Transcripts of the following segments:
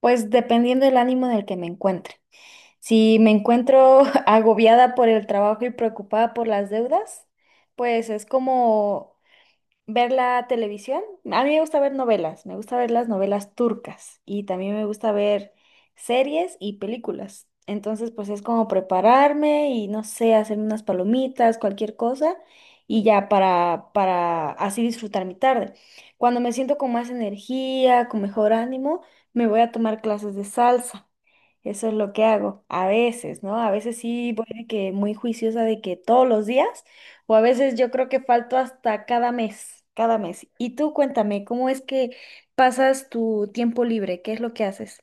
Pues dependiendo del ánimo en el que me encuentre. Si me encuentro agobiada por el trabajo y preocupada por las deudas, pues es como ¿ver la televisión? A mí me gusta ver novelas, me gusta ver las novelas turcas y también me gusta ver series y películas. Entonces, pues es como prepararme y no sé, hacer unas palomitas, cualquier cosa y ya para así disfrutar mi tarde. Cuando me siento con más energía, con mejor ánimo, me voy a tomar clases de salsa. Eso es lo que hago a veces, ¿no? A veces sí voy de que muy juiciosa de que todos los días. O a veces yo creo que falto hasta cada mes, cada mes. Y tú cuéntame, ¿cómo es que pasas tu tiempo libre? ¿Qué es lo que haces?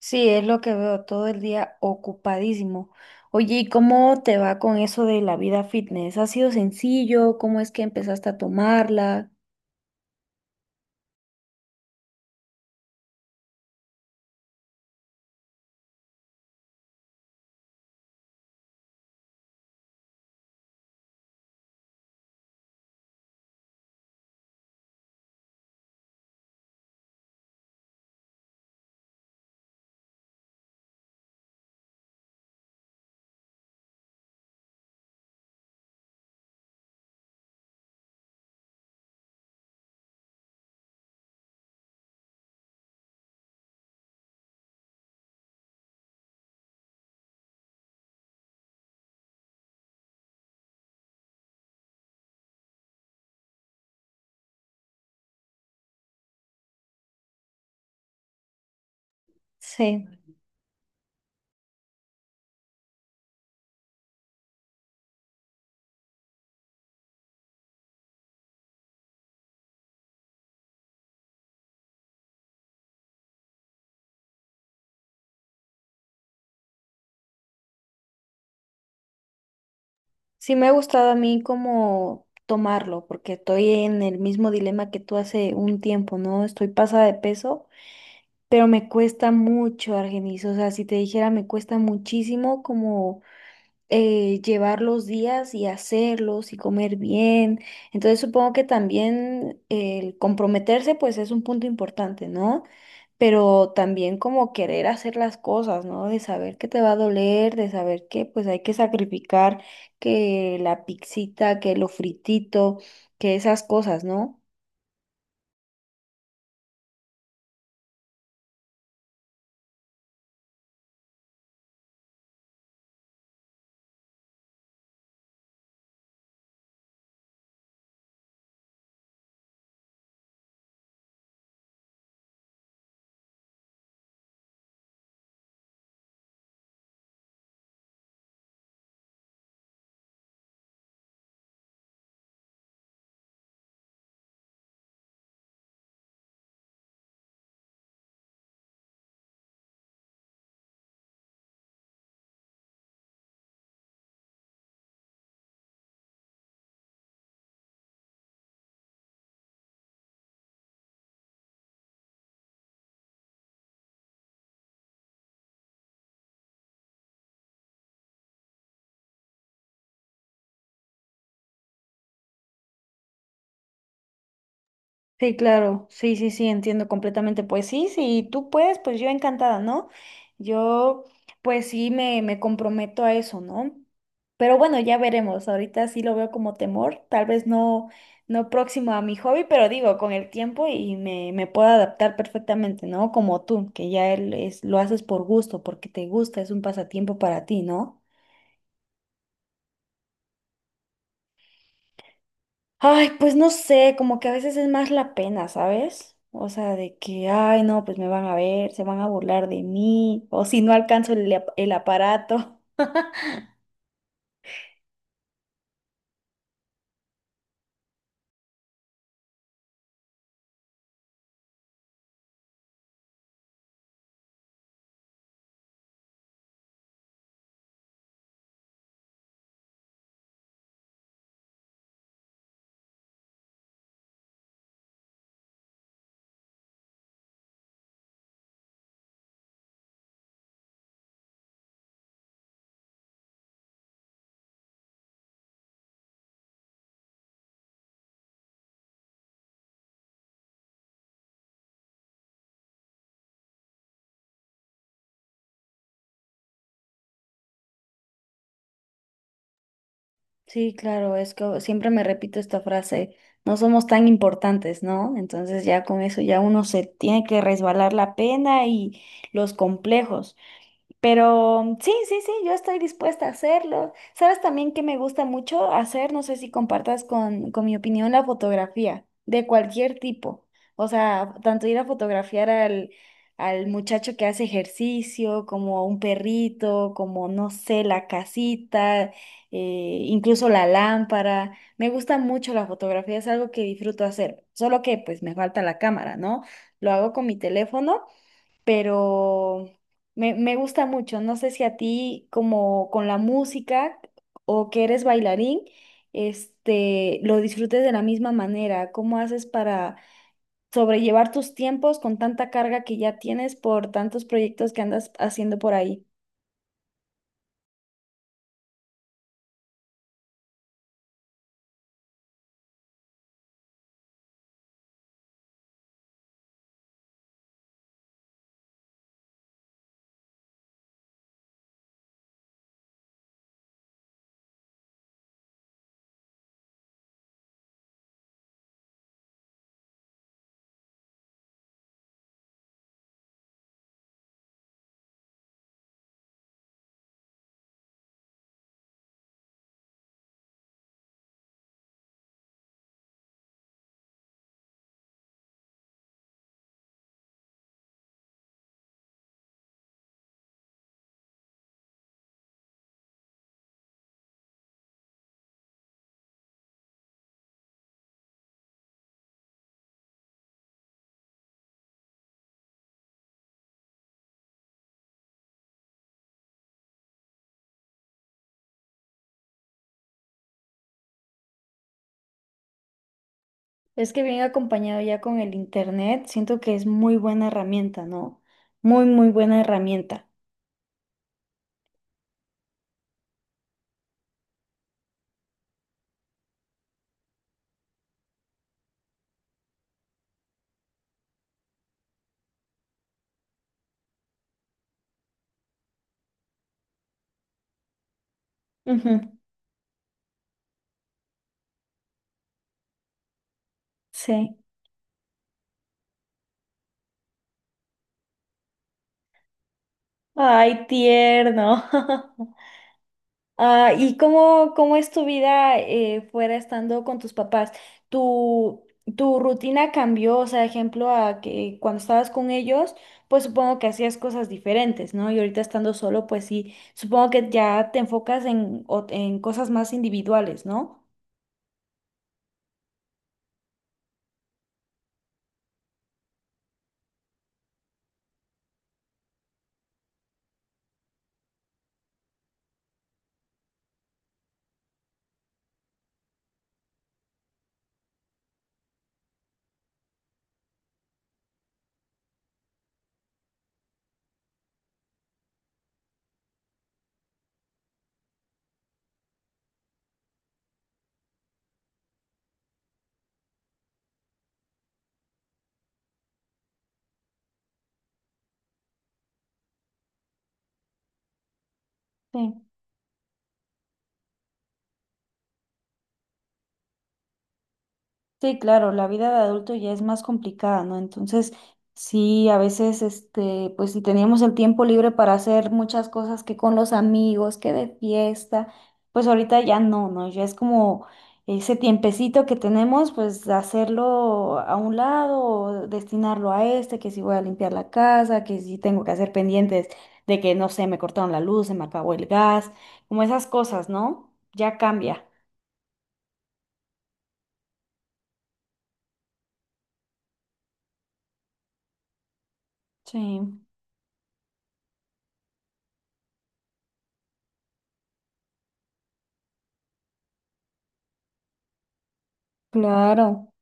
Sí, es lo que veo todo el día ocupadísimo. Oye, ¿y cómo te va con eso de la vida fitness? ¿Ha sido sencillo? ¿Cómo es que empezaste a tomarla? Sí, sí, me ha gustado a mí como tomarlo, porque estoy en el mismo dilema que tú hace un tiempo, ¿no? Estoy pasada de peso. Pero me cuesta mucho, Argenis. O sea, si te dijera, me cuesta muchísimo como llevar los días y hacerlos y comer bien. Entonces supongo que también el comprometerse, pues es un punto importante, ¿no? Pero también como querer hacer las cosas, ¿no? De saber que te va a doler, de saber que pues hay que sacrificar que la pixita, que lo fritito, que esas cosas, ¿no? Sí, claro, sí, sí, sí, entiendo completamente. Pues sí, sí, tú puedes, pues yo encantada, ¿no? Yo, pues sí, me comprometo a eso, ¿no? Pero bueno, ya veremos. Ahorita sí lo veo como temor, tal vez no, no próximo a mi hobby, pero digo, con el tiempo y me puedo adaptar perfectamente, ¿no? Como tú, que ya él es, lo haces por gusto, porque te gusta, es un pasatiempo para ti, ¿no? Ay, pues no sé, como que a veces es más la pena, ¿sabes? O sea, de que, ay, no, pues me van a ver, se van a burlar de mí, o si no alcanzo el aparato. Sí, claro, es que siempre me repito esta frase, no somos tan importantes, ¿no? Entonces ya con eso ya uno se tiene que resbalar la pena y los complejos. Pero sí, sí, sí, yo estoy dispuesta a hacerlo. ¿Sabes también que me gusta mucho hacer? No sé si compartas con mi opinión la fotografía, de cualquier tipo. O sea, tanto ir a fotografiar al, al muchacho que hace ejercicio, como a un perrito, como, no sé, la casita, incluso la lámpara. Me gusta mucho la fotografía, es algo que disfruto hacer. Solo que pues me falta la cámara, ¿no? Lo hago con mi teléfono pero me gusta mucho. No sé si a ti, como con la música o que eres bailarín, este, lo disfrutes de la misma manera. ¿Cómo haces para sobrellevar tus tiempos con tanta carga que ya tienes por tantos proyectos que andas haciendo por ahí? Es que viene acompañado ya con el internet, siento que es muy buena herramienta, ¿no? Muy, muy buena herramienta. Ujú. Sí. Ay, tierno. Ah, ¿y cómo, cómo es tu vida fuera estando con tus papás? ¿Tu, ¿tu rutina cambió? O sea, ejemplo, a que cuando estabas con ellos, pues supongo que hacías cosas diferentes, ¿no? Y ahorita estando solo, pues sí, supongo que ya te enfocas en, o- en cosas más individuales, ¿no? Sí. Sí, claro, la vida de adulto ya es más complicada, ¿no? Entonces, sí, a veces, este, pues si teníamos el tiempo libre para hacer muchas cosas que con los amigos, que de fiesta, pues ahorita ya no, ¿no? Ya es como ese tiempecito que tenemos, pues hacerlo a un lado, o destinarlo a este, que si voy a limpiar la casa, que si tengo que hacer pendientes de que, no sé, me cortaron la luz, se me acabó el gas, como esas cosas, ¿no? Ya cambia. Sí, claro.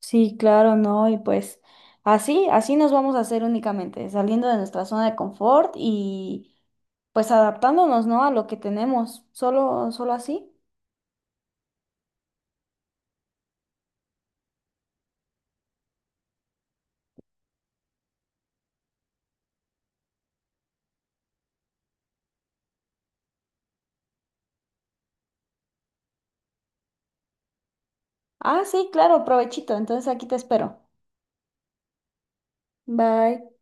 Sí, claro, no, y pues así, así nos vamos a hacer únicamente, saliendo de nuestra zona de confort y pues adaptándonos, ¿no? A lo que tenemos, solo, solo así. Ah, sí, claro, provechito, entonces aquí te espero. Bye.